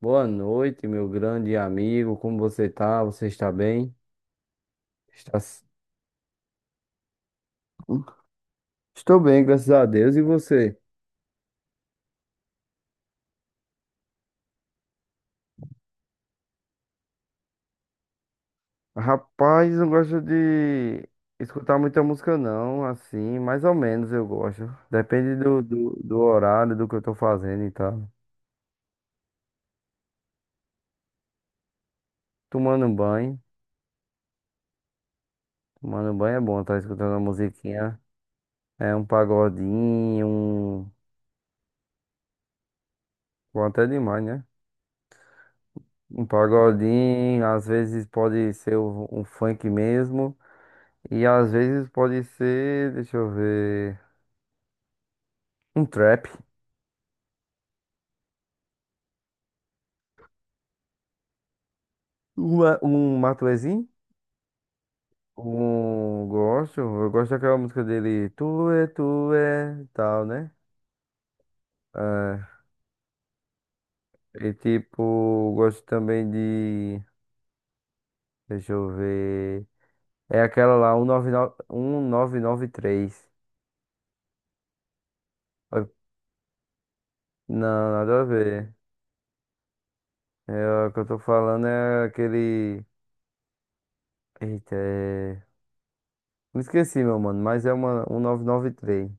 Boa noite, meu grande amigo. Como você tá? Você está bem? Está... s- Estou bem, graças a Deus. E você? Rapaz, não gosto de escutar muita música, não. Assim, mais ou menos eu gosto. Depende do horário, do que eu tô fazendo e tal. Tomando um banho. Tomando um banho é bom, tá escutando uma musiquinha. É um pagodinho, um... Bom, até demais, né? Um pagodinho, às vezes pode ser um funk mesmo. E às vezes pode ser, deixa eu ver, um trap, uma, um Matuezinho, um gosto, eu gosto daquela música dele, tu é, tal, né? É, e tipo, gosto também de, deixa eu ver, é aquela lá, um nove nove 1993. Ó, não, nada a ver. É, o que eu tô falando é aquele, eita, é... Me esqueci, meu mano, mas é uma 1993.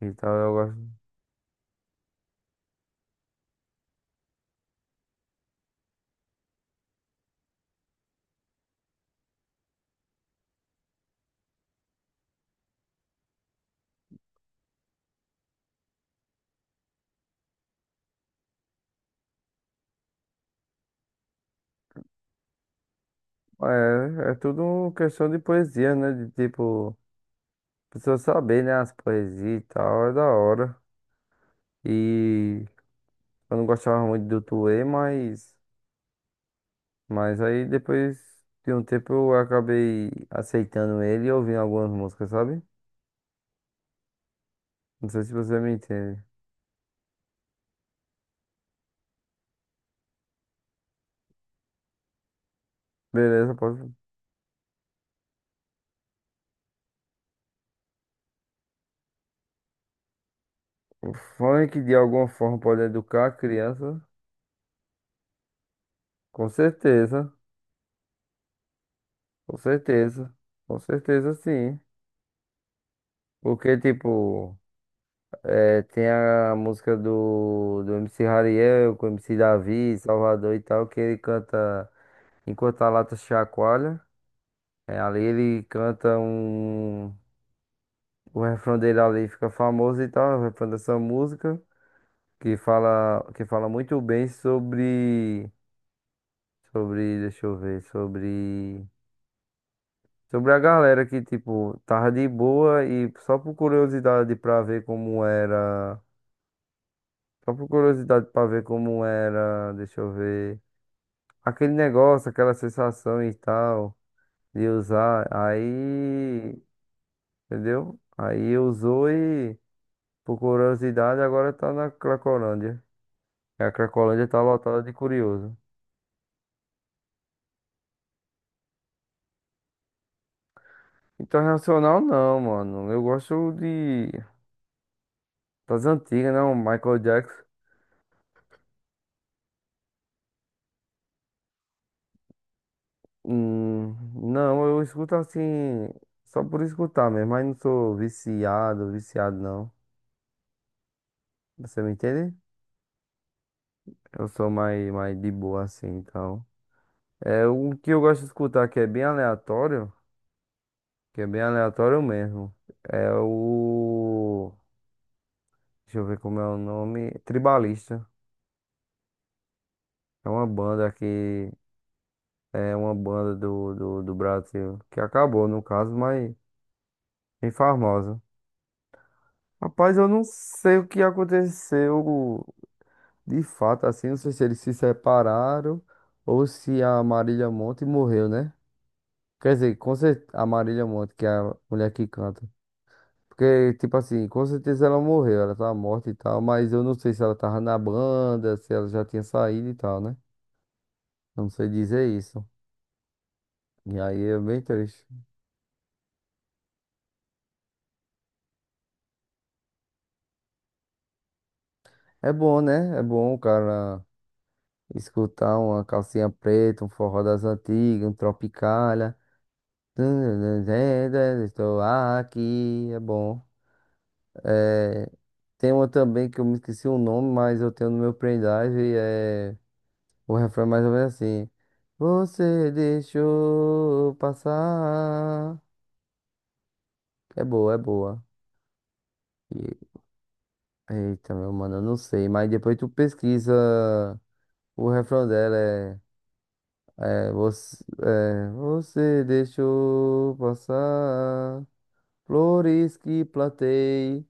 Então eu gosto. É, é tudo questão de poesia, né? De tipo, a pessoa saber, né? As poesias e tal, é da hora. E eu não gostava muito do Tuê, mas aí depois de um tempo eu acabei aceitando ele e ouvindo algumas músicas, sabe? Não sei se você me entende. Beleza, pode... O funk de alguma forma pode educar a criança? Com certeza, com certeza, com certeza sim. Porque, tipo. É, tem a música do MC Hariel com o MC Davi, Salvador e tal, que ele canta Enquanto a Lata Chacoalha. É, ali ele canta um. O refrão dele ali fica famoso e tal, o refrão dessa música, que fala muito bem sobre. Sobre. Deixa eu ver. Sobre. Sobre a galera que, tipo, tava de boa e só por curiosidade pra ver como era. Só por curiosidade pra ver como era. Deixa eu ver. Aquele negócio, aquela sensação e tal, de usar. Aí, entendeu? Aí usou e, por curiosidade, agora tá na Cracolândia. E a Cracolândia tá lotada de curioso. Internacional não, mano. Eu gosto de das antigas, não, Michael Jackson. Hum, não, eu escuto assim, só por escutar mesmo, mas não sou viciado, viciado não. Você me entende? Eu sou mais, mais de boa assim, então. É o que eu gosto de escutar que é bem aleatório, que é bem aleatório mesmo. É o. Deixa eu ver como é o nome. Tribalista. É uma banda que. É uma banda do Brasil. Que acabou, no caso, mas bem famosa. Rapaz, eu não sei o que aconteceu de fato, assim. Não sei se eles se separaram ou se a Marília Monte morreu, né? Quer dizer, com certeza, a Marília Monte, que é a mulher que canta. Porque, tipo assim, com certeza ela morreu, ela tá morta e tal, mas eu não sei se ela tava na banda, se ela já tinha saído e tal, né? Eu não sei dizer isso. E aí é bem triste. É bom, né? É bom o cara escutar uma calcinha preta, um forró das antigas, um Tropicália. Estou aqui, é bom. É, tem uma também que eu me esqueci o nome, mas eu tenho no meu pendrive, é. O refrão é mais ou menos assim. Você deixou passar. É boa, é boa. E- eita, meu mano, eu não sei. Mas depois tu pesquisa. O refrão dela é. É, você, é, você deixou passar flores que plantei.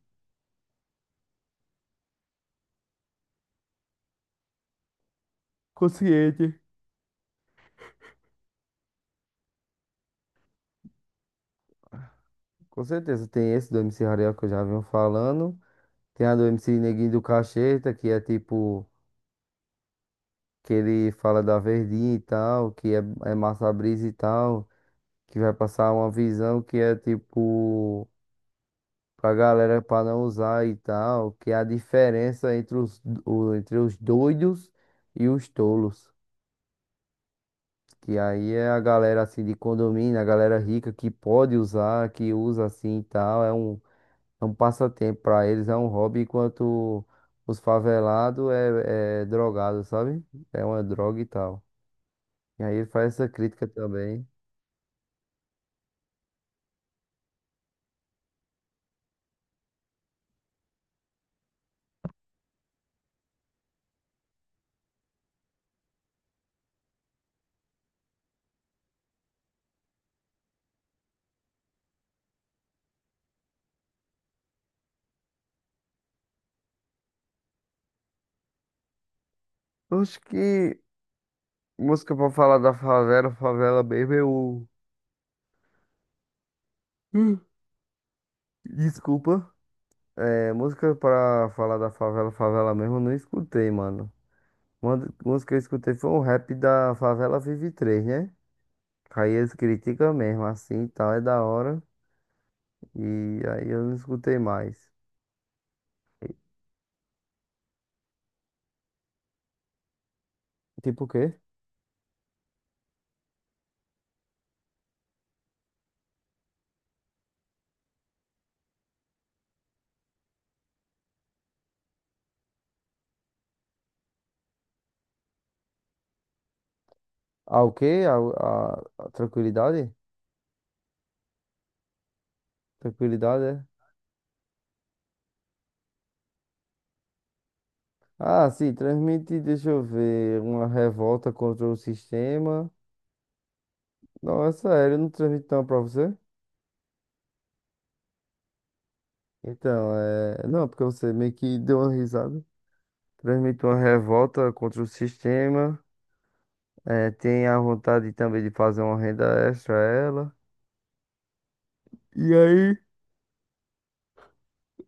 Consciente. Com certeza tem esse do MC Rariel que eu já venho falando. Tem a do MC Neguinho do Cacheta, que é tipo. Que ele fala da Verdinha e tal, que é, é massa brisa e tal, que vai passar uma visão que é tipo pra galera pra não usar e tal, que é a diferença entre os, o- entre os doidos e os tolos. Que aí é a galera assim de condomínio, a galera rica que pode usar, que usa assim e tal, é um passatempo pra eles, é um hobby, enquanto os favelados é, é drogado, sabe? É uma droga e tal. E aí ele faz essa crítica também. Acho que música pra falar da favela, favela mesmo, eu. Hum. Desculpa. É, música pra falar da favela, favela mesmo, eu não escutei, mano. Uma d- música que eu escutei foi um rap da Favela Vive 3, né? Aí eles criticam mesmo, assim e tal, é da hora. E aí eu não escutei mais. Tipo o quê? Ah, o quê? A tranquilidade? Tranquilidade, é? Ah, sim, transmite, deixa eu ver, uma revolta contra o sistema. Nossa, ele não transmitiu uma pra você? Então, é. Não, porque você meio que deu uma risada. Transmitiu uma revolta contra o sistema. É, tem a vontade também de fazer uma renda extra a ela. E aí,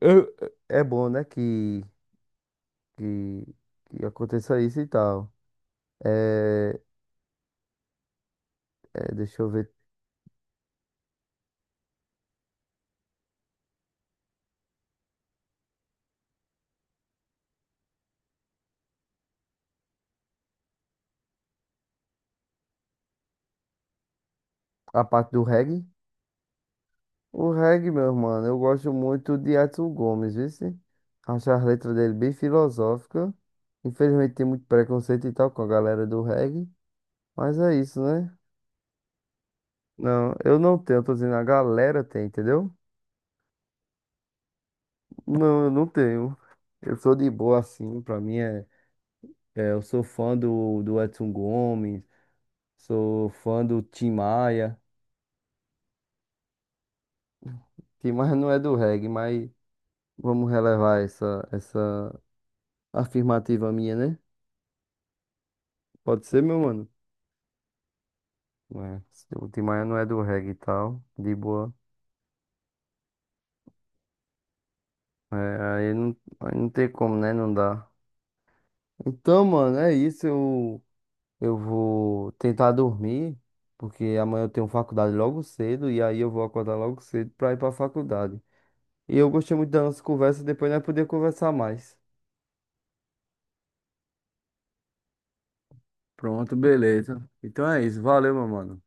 eu- é bom, né, que, que aconteça isso e tal. É, é, deixa eu ver a parte do reggae. O reggae, meu mano, eu gosto muito de Edson Gomes, viu? Se? Acho as letras dele bem filosóficas. Infelizmente tem muito preconceito e tal com a galera do reggae, mas é isso, né? Não, eu não tenho, eu tô dizendo a galera tem, entendeu? Não, eu não tenho. Eu sou de boa assim, pra mim é, é, eu sou fã do Edson Gomes, sou fã do Tim Maia. Tim Maia não é do reggae, mas vamos relevar essa afirmativa minha, né? Pode ser, meu mano? Né? O Tim Maia não é do reggae e tal, de boa. É, aí não, aí não tem como, né? Não dá. Então, mano, é isso. Eu vou tentar dormir, porque amanhã eu tenho faculdade logo cedo, e aí eu vou acordar logo cedo pra ir pra faculdade. E eu gostei muito da nossa conversa, depois nós podemos conversar mais. Pronto, beleza. Então é isso. Valeu, meu mano.